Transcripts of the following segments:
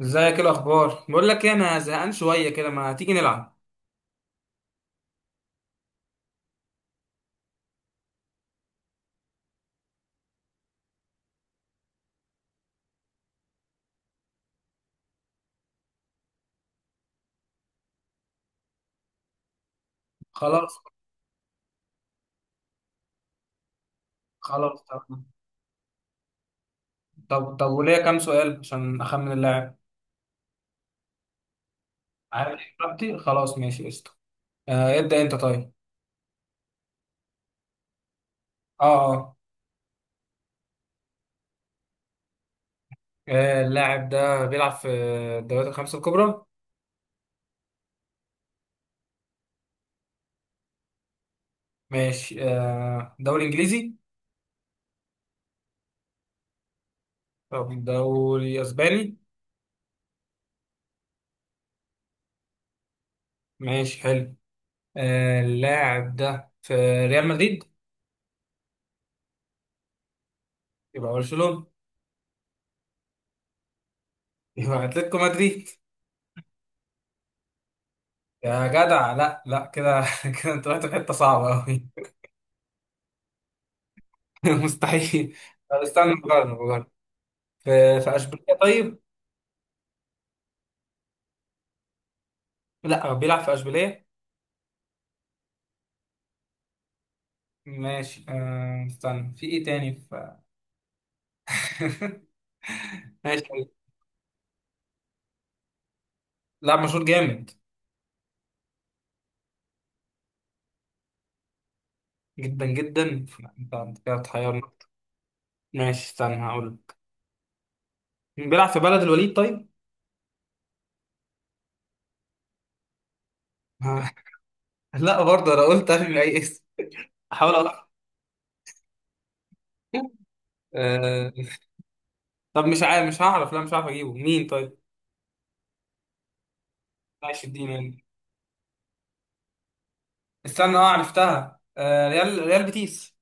ازيك، ايه الاخبار؟ بقول لك ايه، انا زهقان شويه كده، ما تيجي نلعب. خلاص. خلاص طب. طب وليا كام سؤال عشان اخمن اللاعب؟ عارف اجابتي، خلاص ماشي قشطه. آه ابدا، انت طيب. اه. اه. اللاعب ده بيلعب في الدوريات الخمسه الكبرى. ماشي. آه دوري انجليزي. طب دوري اسباني. ماشي حلو. آه اللاعب ده في ريال مدريد. يبقى برشلونه. يبقى اتلتيكو مدريد. يا جدع لا لا كده، كده انت رحت في حته صعبه قوي. مستحيل. طب استنى، بجرب بجرب. في اشبيليه طيب. لا بيلعب في اشبيليه. ماشي أه استنى، في ايه تاني، في ماشي. لا مشهور جامد جدا جدا. انت كده بتحيرنا. ماشي استنى هقول لك. بيلعب في بلد الوليد طيب. لا برضه انا قلت ارمي اي اسم، احاول أه... طب مش عارف، مش هعرف، لا مش هعرف اجيبه مين طيب. ماشي اديني. استنى، اه عرفتها، أه ريال بيتيس.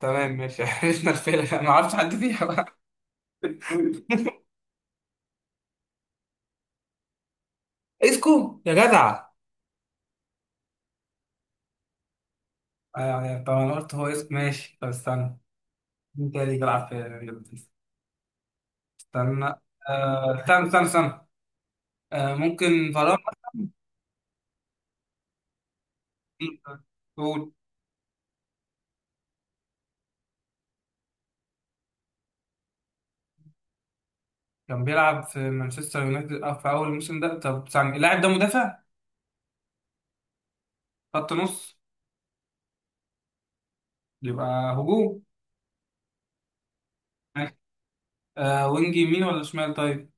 تمام ماشي. عرفنا الفيلة، ما اعرفش حد فيها بقى. اسكو يا جدع. ايوه ايوه، طب انا قلت هو اسكو، ماشي طب استنى، مين تاني بيلعب في ريال بيتيس؟ استنى. استنى. ممكن فاران مثلا. قول. كان بيلعب في مانشستر يونايتد في اول الموسم ده، طب استنى اللاعب ده مدافع؟ خط نص؟ يبقى هجوم. ماشي، آه وينج يمين ولا شمال طيب؟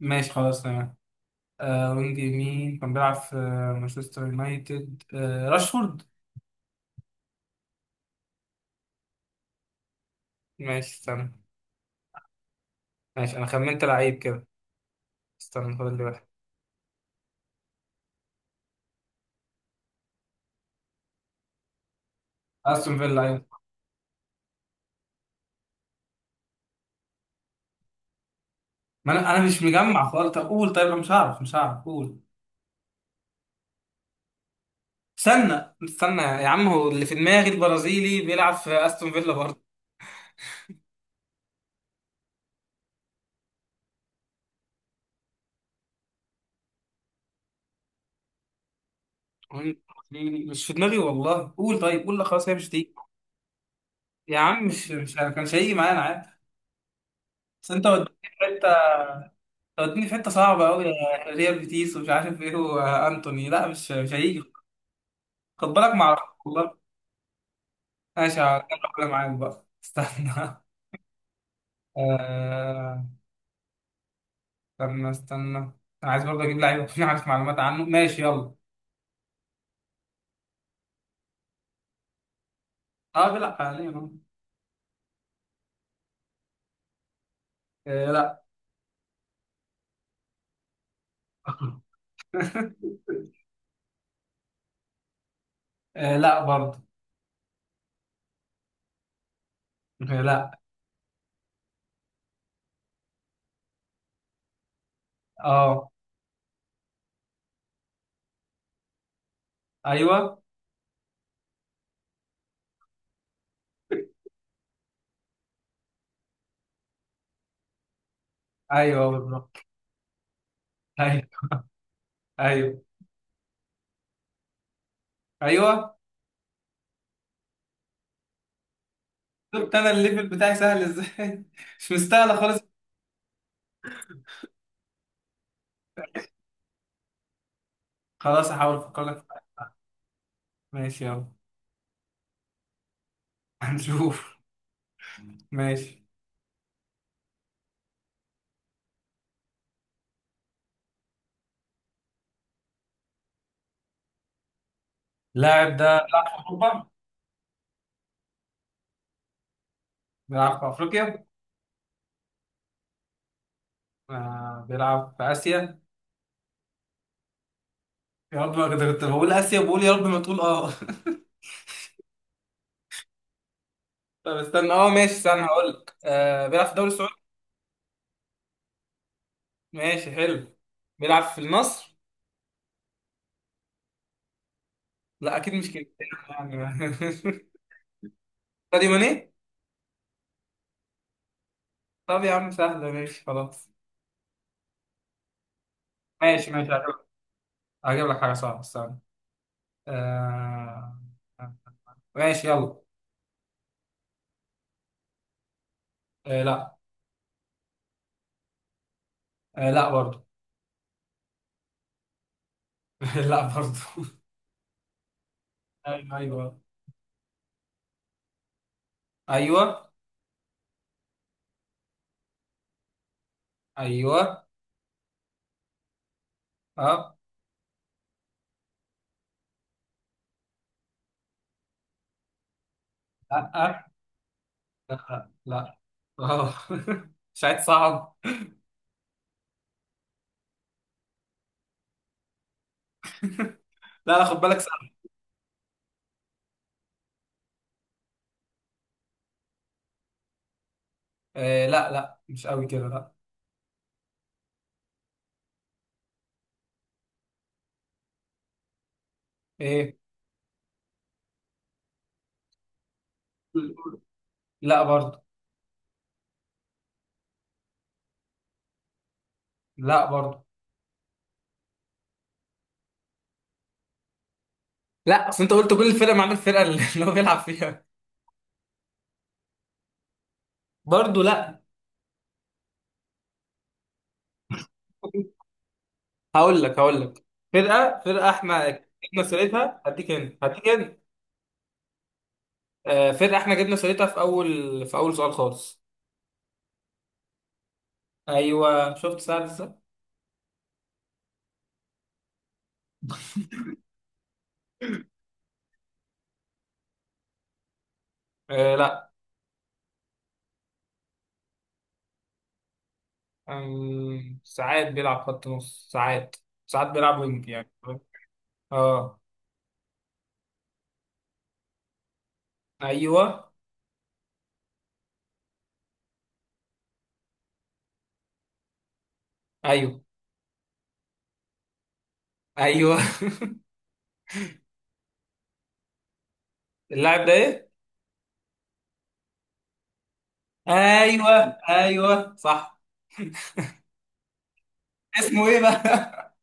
ماشي خلاص تمام. آه وينج يمين، كان بيلعب في مانشستر يونايتد، آه راشفورد. ماشي استنى. ماشي، انا خمنت لعيب كده، استنى فاضل لي واحد. استون فيلا، ايوه. ما انا مش مجمع خالص، طب قول، طيب انا مش هعرف، مش هعرف، قول. استنى يا عم، هو اللي في دماغي البرازيلي بيلعب في استون فيلا برضه. برازيلي. مش في دماغي والله، قول، طيب قول، لا خلاص هي مش دي. يا عم مش انا كانش هيجي معايا، انا عارف، بس انت وديتني في حته. أنت وديتني في حته صعبه قوي يا ريال بيتيس ومش عارف ايه، وانتوني لا مش هيجي. خد بالك، ما اعرفش والله. ماشي هكمل معاك بقى، استنى. آه، استنى انا عايز برضه اجيب لعيب اكون عارف معلومات عنه، ماشي يلا. اه بيلعب حاليا أهو. آه لا. آه لا برضه. آه لا. اه. ايوه. ايوه بالظبط. ايوه. ايوه. ايوه. شفت انا الليفل بتاعي سهل ازاي؟ مش مستاهله خالص. خلاص هحاول افكر لك. ماشي يلا. هنشوف. ماشي، اللاعب ده بيلعب في اوروبا. بيلعب في افريقيا. آه بيلعب في اسيا. يا رب، ما كنت بقول اسيا، بقول يا رب ما تقول اه. طب استنى، اه ماشي استنى هقول لك، آه بيلعب في الدوري السعودي. ماشي حلو. بيلعب في النصر. لا اكيد مش كريستيانو يعني. ساديو ماني. طب يا عم سهله، ماشي خلاص. ماشي ماشي، هجيب لك، هجيب لك حاجه صعبه، استنى. آه ماشي يلا. آه لا. آه لا برضه. لا برضه. ايوه ايوه. ايوه ايوه. اه. لا. آه، لا. لا. اه مش عايز صعب. لا لا، خد بالك صعب. آه لا لا، مش قوي كده، لا. ايه. لا برضه. لا برضه. لا اصل انت قلت كل الفرق ما عدا الفرقه اللي اللي هو بيلعب فيها. برضه لا. هقول لك، هقول لك، فرقه احنا جبنا سيرتها، هديك هنا، هديك هنا. آه فرقه احنا جبنا سيرتها في اول في اول سؤال خالص. ايوه، شفت سعد ازاي؟ آه لا. ساعات بيلعب خط نص، ساعات بيلعب وينج يعني. اه. ايوه. ايوه. ايوه. اللاعب ده ايه؟ ايوه. ايوه صح. اسمه ايه بقى؟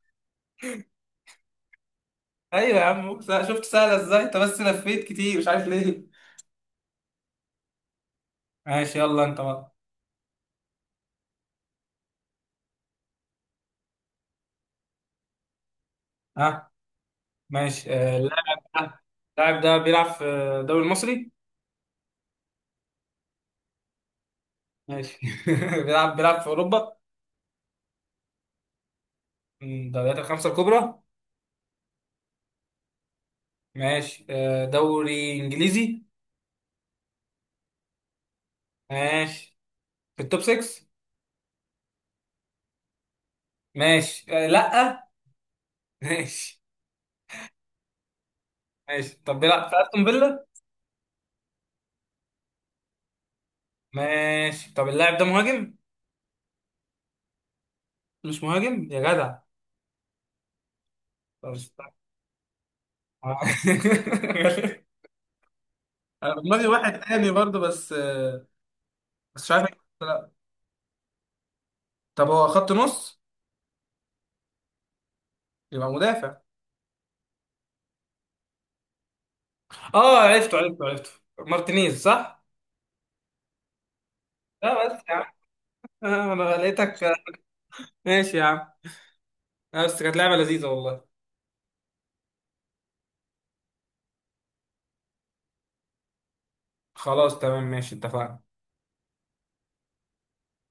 ايوه يا عم، شفت سهله ازاي؟ انت بس لفيت كتير مش عارف ليه. ماشي يلا انت بقى. ها. ماشي، اللاعب ده، اللاعب ده بيلعب في الدوري المصري. ماشي. بيلعب في اوروبا، من الدوريات الخمسه الكبرى. ماشي. دوري انجليزي. ماشي، في التوب 6. ماشي، لا. ماشي ماشي. طب بيلعب في استون فيلا. ماشي، طب اللاعب ده مهاجم؟ مش مهاجم يا جدع. طب استنى. أنا في دماغي واحد تاني برضه، بس بس مش عارف. لا. طب هو خط نص؟ يبقى مدافع. اه عرفته عرفته، مارتينيز صح؟ لا بس يا عم، انا لقيتك، ماشي يا عم، بس كانت لعبة لذيذة والله. خلاص تمام ماشي، اتفقنا.